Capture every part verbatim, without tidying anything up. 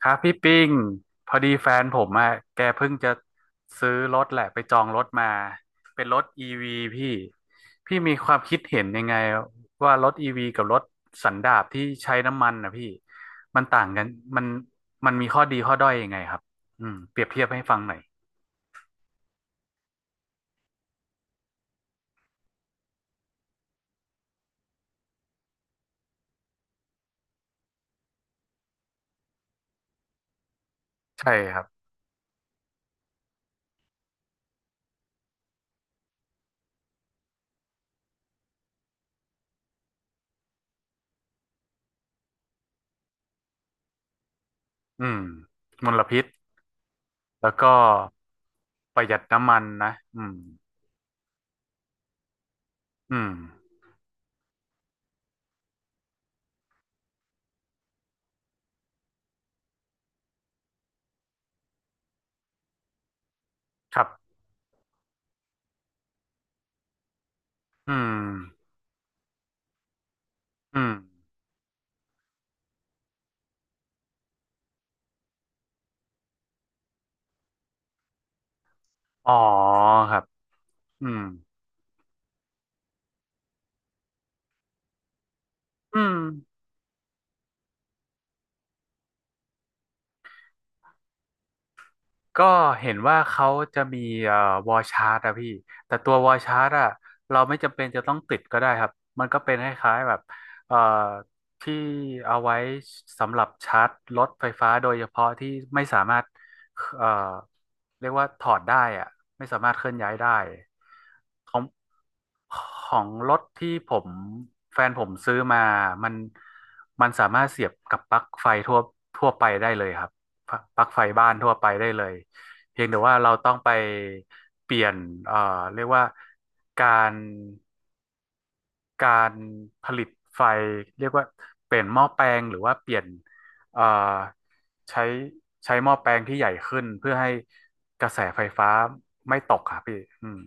ครับพี่ปิงพอดีแฟนผมอะแกเพิ่งจะซื้อรถแหละไปจองรถมาเป็นรถอีวีพี่พี่มีความคิดเห็นยังไงว่ารถอีวีกับรถสันดาปที่ใช้น้ำมันนะพี่มันต่างกันมันมันมีข้อดีข้อด้อยยังไงครับอืมเปรียบเทียบให้ฟังหน่อยใช่ครับอืมมลพิษแล้วก็ประหยัดน้ำมันนะอืมอืมครับอืมอืมอ๋อครับอืมอืม ก็เห็นว่าเขาจะมีเอ่อวอลชาร์ตอะพี่แต่ตัววอลชาร์ตอะเราไม่จำเป็นจะต้องติดก็ได้ครับมันก็เป็นคล้ายๆแบบเอ่อที่เอาไว้สำหรับชาร์จรถไฟฟ้าโดยเฉพาะที่ไม่สามารถเอ่อเรียกว่าถอดได้อะไม่สามารถเคลื่อนย้ายได้ของ ของรถที่ผมแฟนผมซื้อมามันมันสามารถเสียบกับปลั๊กไฟทั่วทั่วไปได้เลยครับปลั๊กปลั๊กไฟบ้านทั่วไปได้เลยเพียงแต่ว่าเราต้องไปเปลี่ยนเอ่อเรียกว่าการการผลิตไฟเรียกว่าเปลี่ยนหม้อแปลงหรือว่าเปลี่ยนเอ่อใช้ใช้หม้อแปลงที่ใหญ่ขึ้นเพื่อให้กระแสไฟฟ้าไม่ตกครับพี่อืม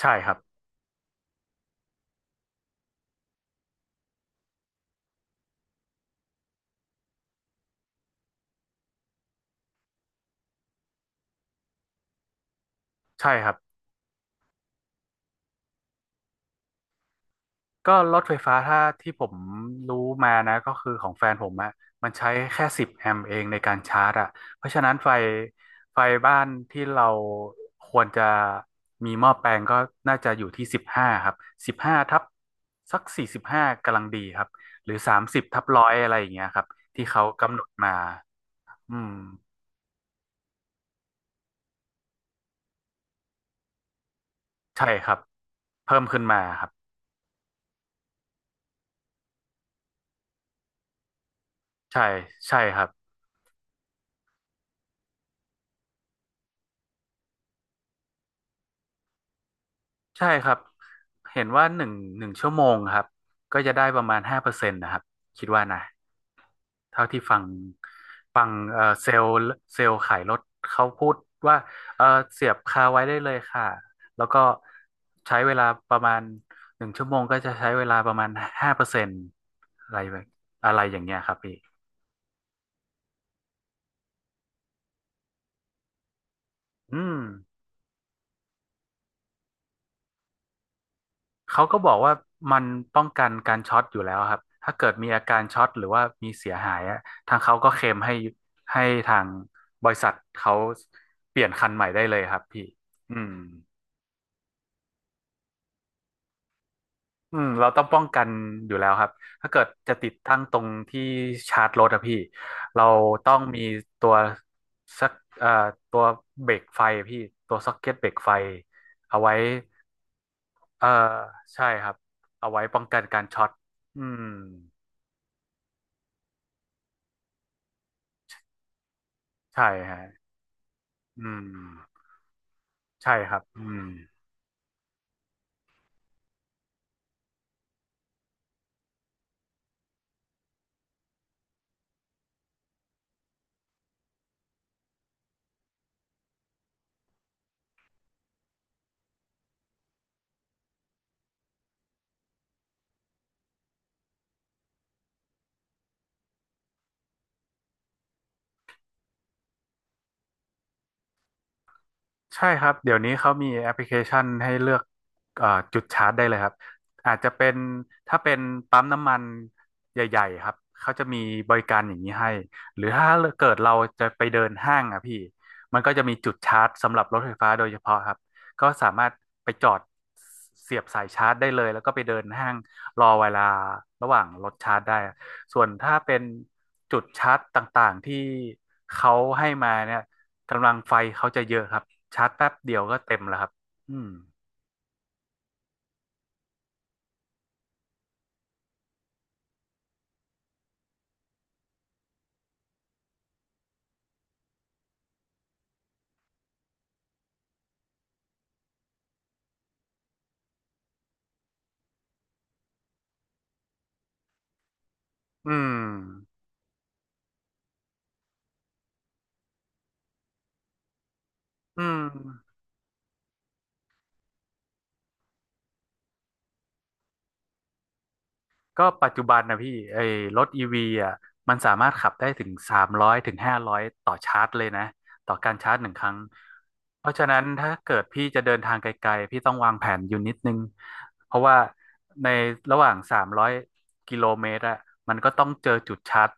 ใช่ครับใช่ครับ ก็รถไฟฟ้าถ้าที่ผมรู้มานะก็คือของแฟนผมอะมันใช้แค่สิบแอมป์เองในการชาร์จอะเพราะฉะนั้นไฟไฟบ้านที่เราควรจะมีหม้อแปลงก็น่าจะอยู่ที่สิบห้าครับสิบห้าทับสักสี่สิบห้ากำลังดีครับหรือสามสิบทับร้อยอะไรอย่างเงี้ยครับที่เขากำหนดมาอืมใช่ครับเพิ่มขึ้นมาครับใช่ใช่ครับ ใช่ครับ เห็นว่าหนึ่งหนึ่งชั่วโมงครับก็จะได้ประมาณห้าเปอร์เซ็นต์นะครับ คิดว่านะเท่าที่ฟังฟังเอ่อเซลล์เซลล์ขายรถเขาพูดว่าเออเสียบคาไว้ได้เลยค่ะ แล้วก็ใช้เวลาประมาณหนึ่งชั่วโมงก็จะใช้เวลาประมาณห้าเปอร์เซ็นต์อะไรแบบอะไรอย่างเงี้ยครับพี่อืม เขาก็บอกว่ามันป้องกันการช็อตอยู่แล้วครับถ้าเกิดมีอาการช็อตหรือว่ามีเสียหายอะทางเขาก็เคลมให้ให้ทางบริษัทเขาเปลี่ยนคันใหม่ได้เลยครับพี่อืมอืมเราต้องป้องกันอยู่แล้วครับถ้าเกิดจะติดตั้งตรงที่ชาร์จรถอะพี่เราต้องมีตัวสักเอ่อตัวเบรกไฟอะพี่ตัวซ็อกเก็ตเบรกไฟเอาไว้เอ่อใช่ครับเอาไว้ป้องกันการช็อตอืมใช่ฮะ อืมใช่ครับอืม ใช่ครับเดี๋ยวนี้เขามีแอปพลิเคชันให้เลือกเอ่อจุดชาร์จได้เลยครับอาจจะเป็นถ้าเป็นปั๊มน้ำมันใหญ่ๆครับเขาจะมีบริการอย่างนี้ให้หรือถ้าเกิดเราจะไปเดินห้างอ่ะพี่มันก็จะมีจุดชาร์จสำหรับรถไฟฟ้าโดยเฉพาะครับก็สามารถไปจอดเสียบสายชาร์จได้เลยแล้วก็ไปเดินห้างรอเวลาระหว่างรถชาร์จได้ส่วนถ้าเป็นจุดชาร์จต่างๆที่เขาให้มาเนี่ย กำลังไฟเขาจะเยอะครับชาร์จแป๊บเดียวก็เต็มแล้วครับอืมอืมอืมก็ปัจจุบันนะพี่ไอ้รถอีวีอ่ะมันสามารถขับได้ถึงสามร้อยถึงห้าร้อยต่อชาร์จเลยนะต่อการชาร์จหนึ่งครั้งเพราะฉะนั้นถ้าเกิดพี่จะเดินทางไกลๆพี่ต้องวางแผนอยู่นิดนึงเพราะว่าในระหว่างสามร้อยกิโลเมตรอะมันก็ต้องเจอจุดชาร์จ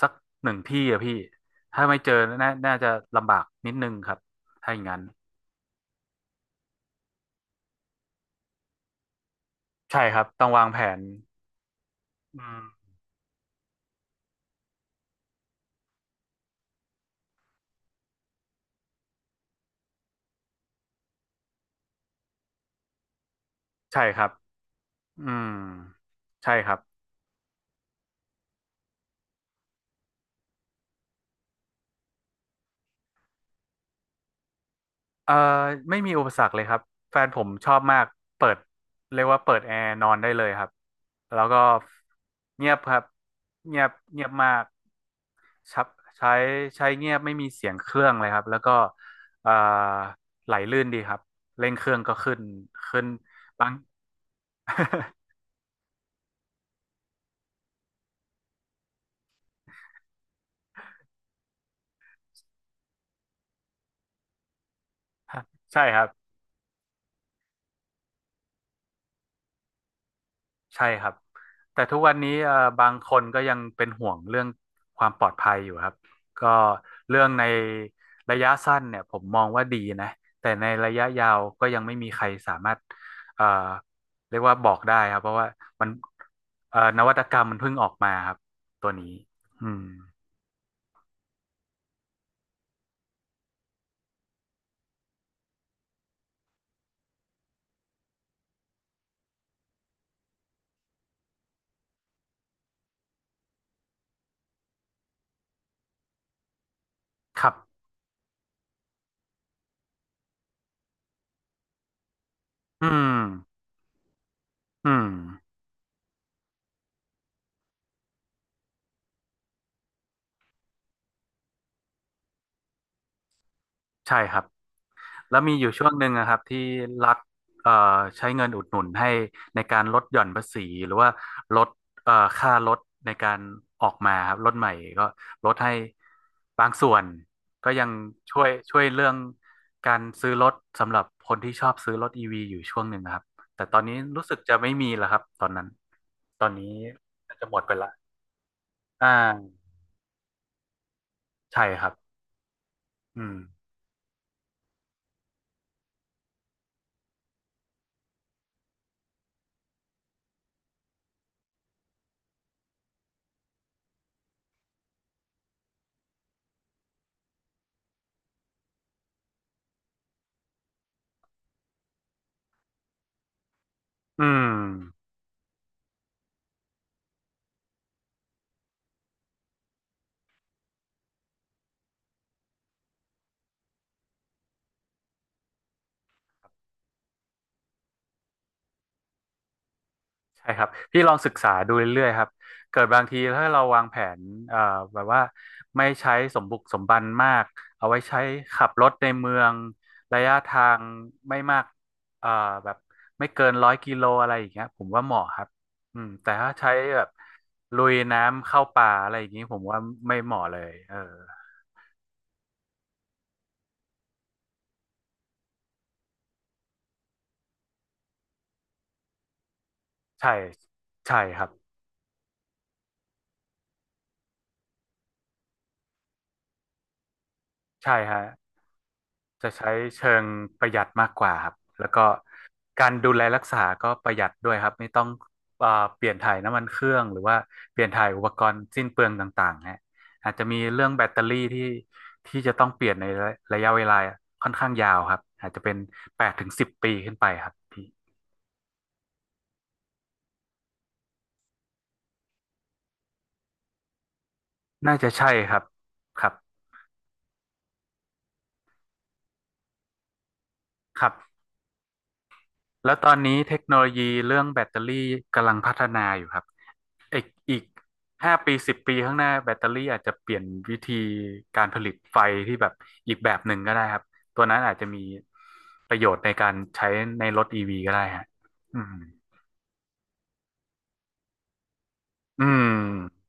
สักหนึ่งที่อะพี่ถ้าไม่เจอน่าน่าจะลำบากนิดนึงครับถ้าอย่างนั้น ใช่ครับต้องวางแผนอืมใช่ครับอืมใช่ครับเอ่อไม่มีอุปสรรคเลยครับแฟนผมชอบมากเปิดเรียกว่าเปิดแอร์นอนได้เลยครับแล้วก็เงียบครับเงียบเงียบมากชับใช้ใช้เงียบไม่มีเสียงเครื่องเลยครับแล้วก็เอ่อไหลลื่นดีครับเร่งเครื่องก็ขึ้นขึ้นบาง ใช่ครับ ใช่ครับแต่ทุกวันนี้เอ่อบางคนก็ยังเป็นห่วงเรื่องความปลอดภัยอยู่ครับก็เรื่องในระยะสั้นเนี่ยผมมองว่าดีนะแต่ในระยะยาวก็ยังไม่มีใครสามารถเอ่อเรียกว่าบอกได้ครับเพราะว่ามันเอ่อนวัตกรรมมันเพิ่งออกมาครับตัวนี้อืมครับอืมอืมใช่ครับ แล้วมีอยู่ช่วงหนึ่งนะครับที่รัฐเอ่อใช้เงินอุดหนุนให้ในการลดหย่อนภาษีหรือว่าลดเอ่อค่ารถในการออกมาครับรถใหม่ก็ลดให้บางส่วนก็ยังช่วยช่วยเรื่องการซื้อรถสำหรับคนที่ชอบซื้อรถอีวีอยู่ช่วงหนึ่งนะครับแต่ตอนนี้รู้สึกจะไม่มีแล้วครับตอนนั้นตอนนี้น่าจะหมดไปละอ่าใช่ครับอืมอืม ใช่ครับพี่ลองศึกษาดูเรื่อยๆครับเกิดบางทีถ้าเราวางแผนเอ่อแบบว่าไม่ใช้สมบุกสมบันมากเอาไว้ใช้ขับรถในเมืองระยะทางไม่มากเอ่อแบบไม่เกินร้อยกิโลอะไรอย่างเงี้ยผมว่าเหมาะครับอืมแต่ถ้าใช้แบบลุยน้ำเข้าป่าอะไรอย่างงี้ผมว่าไม่เหมาะเลยเออใช่ใช่ครับใช่ฮะ จะใช้เชิงประหยัดมากกว่าครับแล้วก็การดูแลรักษาก็ประหยัดด้วยครับไม่ต้องเอ่อเปลี่ยนถ่ายน้ำมันเครื่องหรือว่าเปลี่ยนถ่ายอุปกรณ์สิ้นเปลืองต่างๆฮะอาจจะมีเรื่องแบตเตอรี่ที่ที่จะต้องเปลี่ยนในระยะเวลาค่อนข้างยาวครับอาจจะเป็นแปดถึงสิบปีขึ้นไปครับพี่น่าจะใช่ครับครับครับแล้วตอนนี้เทคโนโลยีเรื่องแบตเตอรี่กำลังพัฒนาอยู่ครับ อีกอีกห้าปีสิบปีข้างหน้าแบตเตอรี่อาจจะเปลี่ยนวิธีการผลิตไฟที่แบบอีกแบบหนึ่งก็ได้ครับตัวนั้นอาจจะมีประโยชน์ในการใช้ในรถอีวีก็ได้ฮะอืมอืม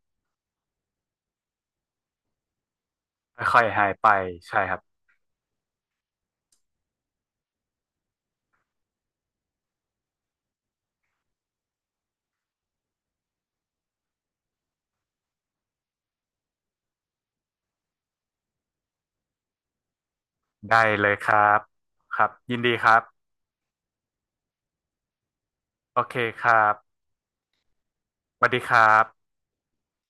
ค่อยๆหายไปใช่ครับได้เลยครับครับยินดีครับโอเคครับสวัสดีครับ